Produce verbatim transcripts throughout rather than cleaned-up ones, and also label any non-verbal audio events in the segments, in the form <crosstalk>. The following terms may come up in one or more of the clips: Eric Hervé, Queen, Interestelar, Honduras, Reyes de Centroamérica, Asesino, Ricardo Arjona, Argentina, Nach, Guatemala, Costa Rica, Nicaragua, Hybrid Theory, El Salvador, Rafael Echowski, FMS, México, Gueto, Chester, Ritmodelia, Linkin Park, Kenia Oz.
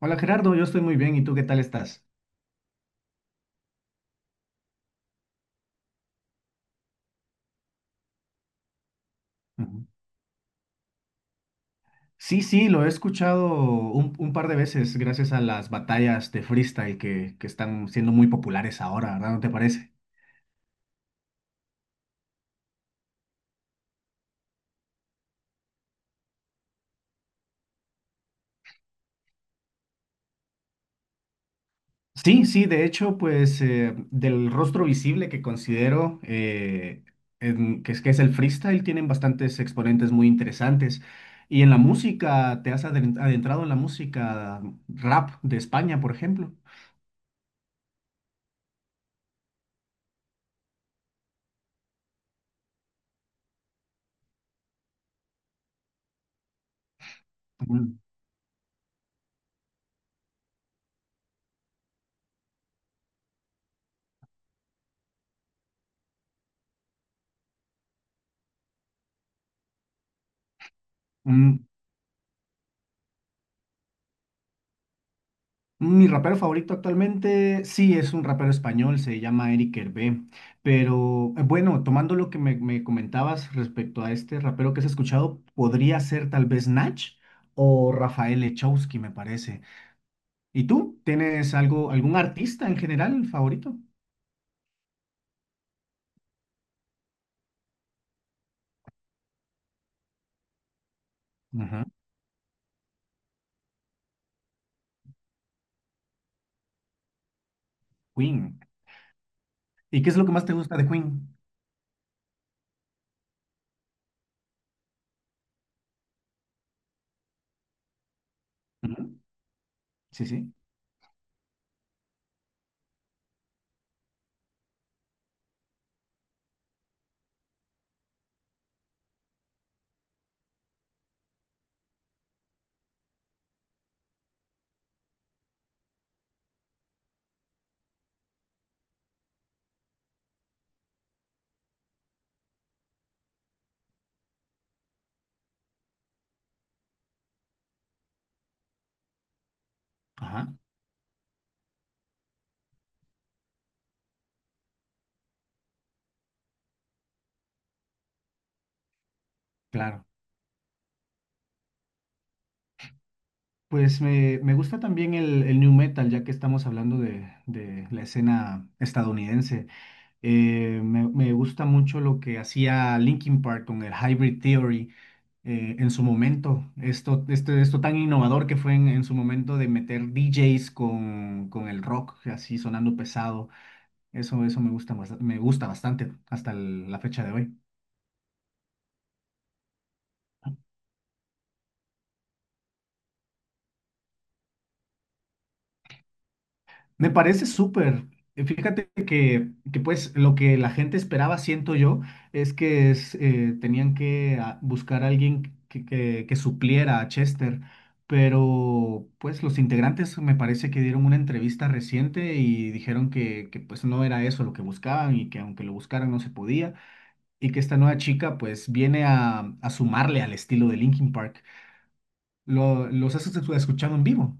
Hola Gerardo, yo estoy muy bien. ¿Y tú qué tal estás? Ujú. Sí, sí, lo he escuchado un, un par de veces gracias a las batallas de freestyle que, que están siendo muy populares ahora, ¿verdad? ¿No te parece? Sí, sí, de hecho, pues eh, del rostro visible que considero eh, en- que es, que es el freestyle, tienen bastantes exponentes muy interesantes. Y en la música, ¿te has adren- adentrado en la música rap de España, por ejemplo? Ujú. Mm, Mi rapero favorito actualmente, sí, es un rapero español, se llama Eric Hervé, pero eh, bueno, tomando lo que me, me comentabas respecto a este rapero que has escuchado, podría ser tal vez Nach o Rafael Echowski, me parece. ¿Y tú? ¿Tienes algo, algún artista en general favorito? Ujú. Queen. ¿Y qué es lo que más te gusta de Queen? Ujú. Sí, sí. Ajá, claro. Pues me, me gusta también el, el new metal, ya que estamos hablando de, de la escena estadounidense. Eh, me, me gusta mucho lo que hacía Linkin Park con el Hybrid Theory eh, en su momento. Esto, este- esto tan innovador que fue en, en su momento de meter D Js con, con el rock así sonando pesado. Eso, eso me gusta, bast- me gusta bastante hasta el- la fecha de hoy. Me parece súper. Eh, Fíjate que, que, pues lo que la gente esperaba, siento yo, es que es, eh, tenían que ah, buscar a alguien que, que- que supliera a Chester, pero pues los integrantes me parece que dieron una entrevista reciente y dijeron que, que pues no era eso lo que buscaban y que aunque lo buscaran no se podía y que esta nueva chica pues viene a, a sumarle al estilo de Linkin Park. Lo, los has escuchado en vivo.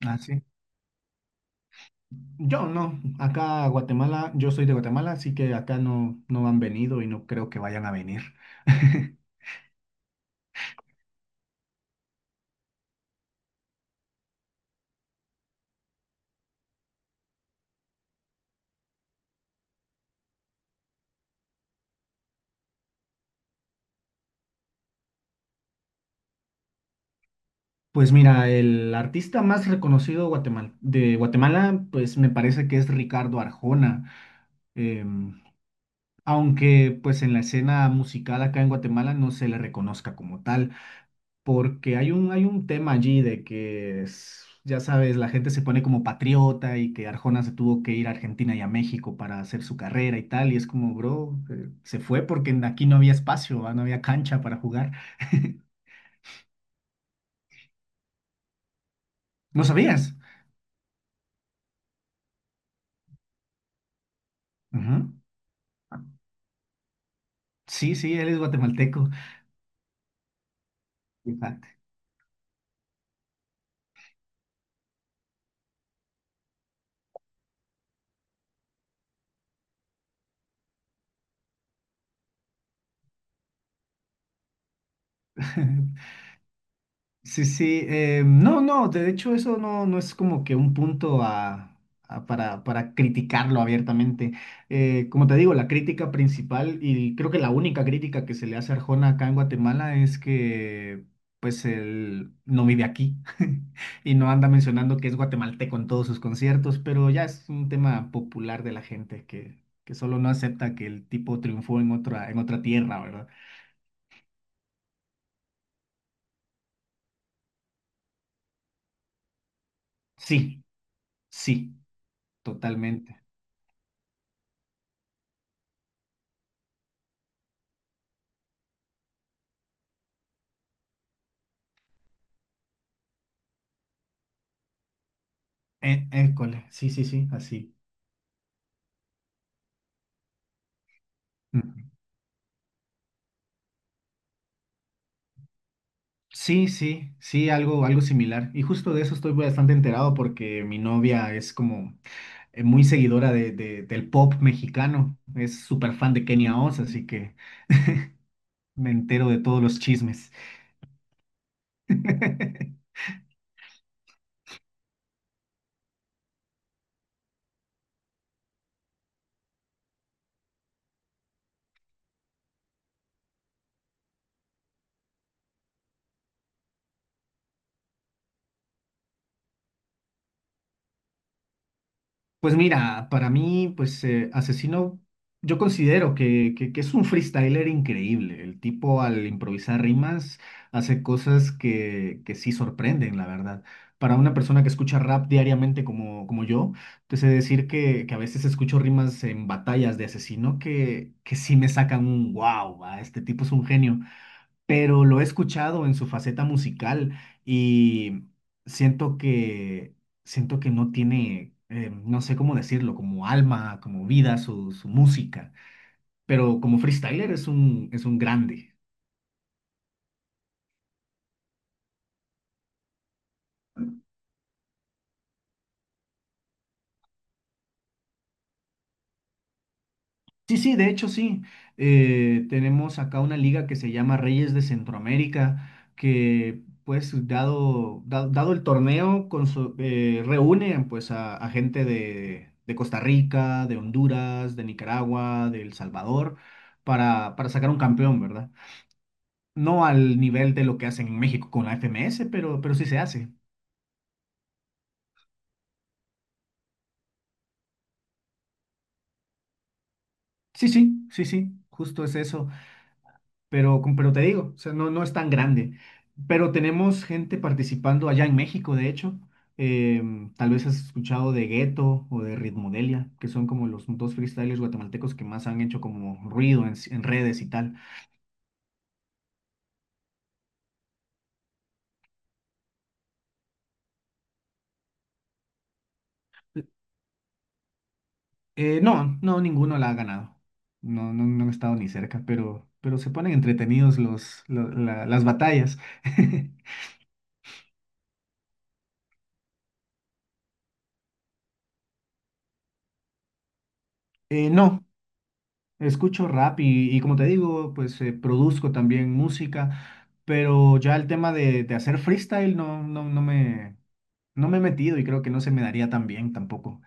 Así. Yo no, acá a Guatemala, yo soy de Guatemala, así que acá no, no han venido y no creo que vayan a venir. <laughs> Pues mira, el artista más reconocido guatemal- de Guatemala, pues me parece que es Ricardo Arjona, em, aunque pues en la escena musical acá en Guatemala no se le reconozca como tal, porque hay un, hay un tema allí de que, es- ya sabes, la gente se pone como patriota y que Arjona se tuvo que ir a Argentina y a México para hacer su carrera y tal, y es como, bro, eh, se fue porque aquí no había espacio, ah, no había cancha para jugar. <laughs> ¿No sabías? Ujú. Sí, sí, él es guatemalteco. Fíjate. <laughs> Sí, sí, eh, no, no, de hecho eso no, no es como que un punto a, a- para, para criticarlo abiertamente. Eh, como te digo, la crítica principal y creo que la única crítica que se le hace a Arjona acá en Guatemala es que pues él no vive aquí <laughs> y no anda mencionando que es guatemalteco en todos sus conciertos, pero ya es un tema popular de la gente que, que solo no acepta que el tipo triunfó en otra, en otra tierra, ¿verdad? Sí, sí, totalmente. Eh, école, sí, sí, sí, así. Ujú. Sí, sí, sí, algo, algo similar. Y justo de eso estoy bastante enterado porque mi novia es como eh, muy seguidora de, de- del pop mexicano. Es súper fan de Kenia Oz, así que me entero de todos los chismes. <laughs> Pues mira, para mí, pues eh, Asesino, yo considero que, que- que es un freestyler increíble. El tipo al improvisar rimas hace cosas que, que sí sorprenden, la verdad. Para una persona que escucha rap diariamente como, como yo, te sé decir que, que a veces escucho rimas en batallas de Asesino que, que sí me sacan un wow, va, este tipo es un genio, pero lo he escuchado en su faceta musical y siento que siento que no tiene, eh, no sé cómo decirlo, como alma, como vida su, su música, pero como freestyler es un, es un grande. Sí, sí, de hecho sí. Eh, tenemos acá una liga que se llama Reyes de Centroamérica, que pues dado, da- dado el torneo con su- eh, reúne pues a, a gente de, de Costa Rica, de Honduras, de Nicaragua, de El Salvador, para, para sacar un campeón, ¿verdad? No al nivel de lo que hacen en México con la F M S, pero, pero sí se hace. Sí, sí, sí, sí, justo es eso. Pero, con- pero te digo, o sea, no, no es tan grande. Pero tenemos gente participando allá en México, de hecho. Em, tal vez has escuchado de Gueto o de Ritmodelia, que son como los dos freestylers guatemaltecos que más han hecho como ruido en, en redes y tal. Eh, no, no, ninguno la ha ganado. No, no, no han estado ni cerca, pero, pero se ponen entretenidos los, lo- la- las batallas. <laughs> Eh, no, escucho rap y, y como te digo, pues eh, produzco también música, pero ya el tema de, de hacer freestyle no, no, no me, no me he metido y creo que no se me daría tan bien tampoco.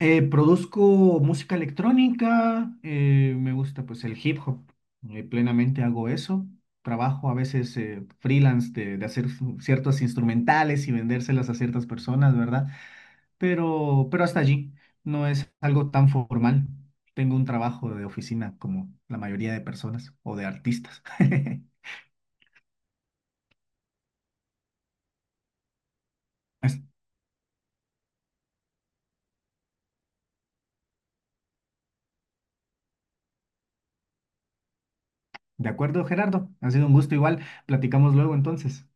Eh, produzco música electrónica, eh, me gusta pues el hip hop, eh, plenamente hago eso. Trabajo a veces eh, freelance de, de hacer ciertos instrumentales y vendérselas a ciertas personas, ¿verdad? pero, pero hasta allí no es algo tan formal. Tengo un trabajo de oficina como la mayoría de personas o de artistas. <laughs> Es- De acuerdo, Gerardo, ha sido un gusto igual. Platicamos luego entonces.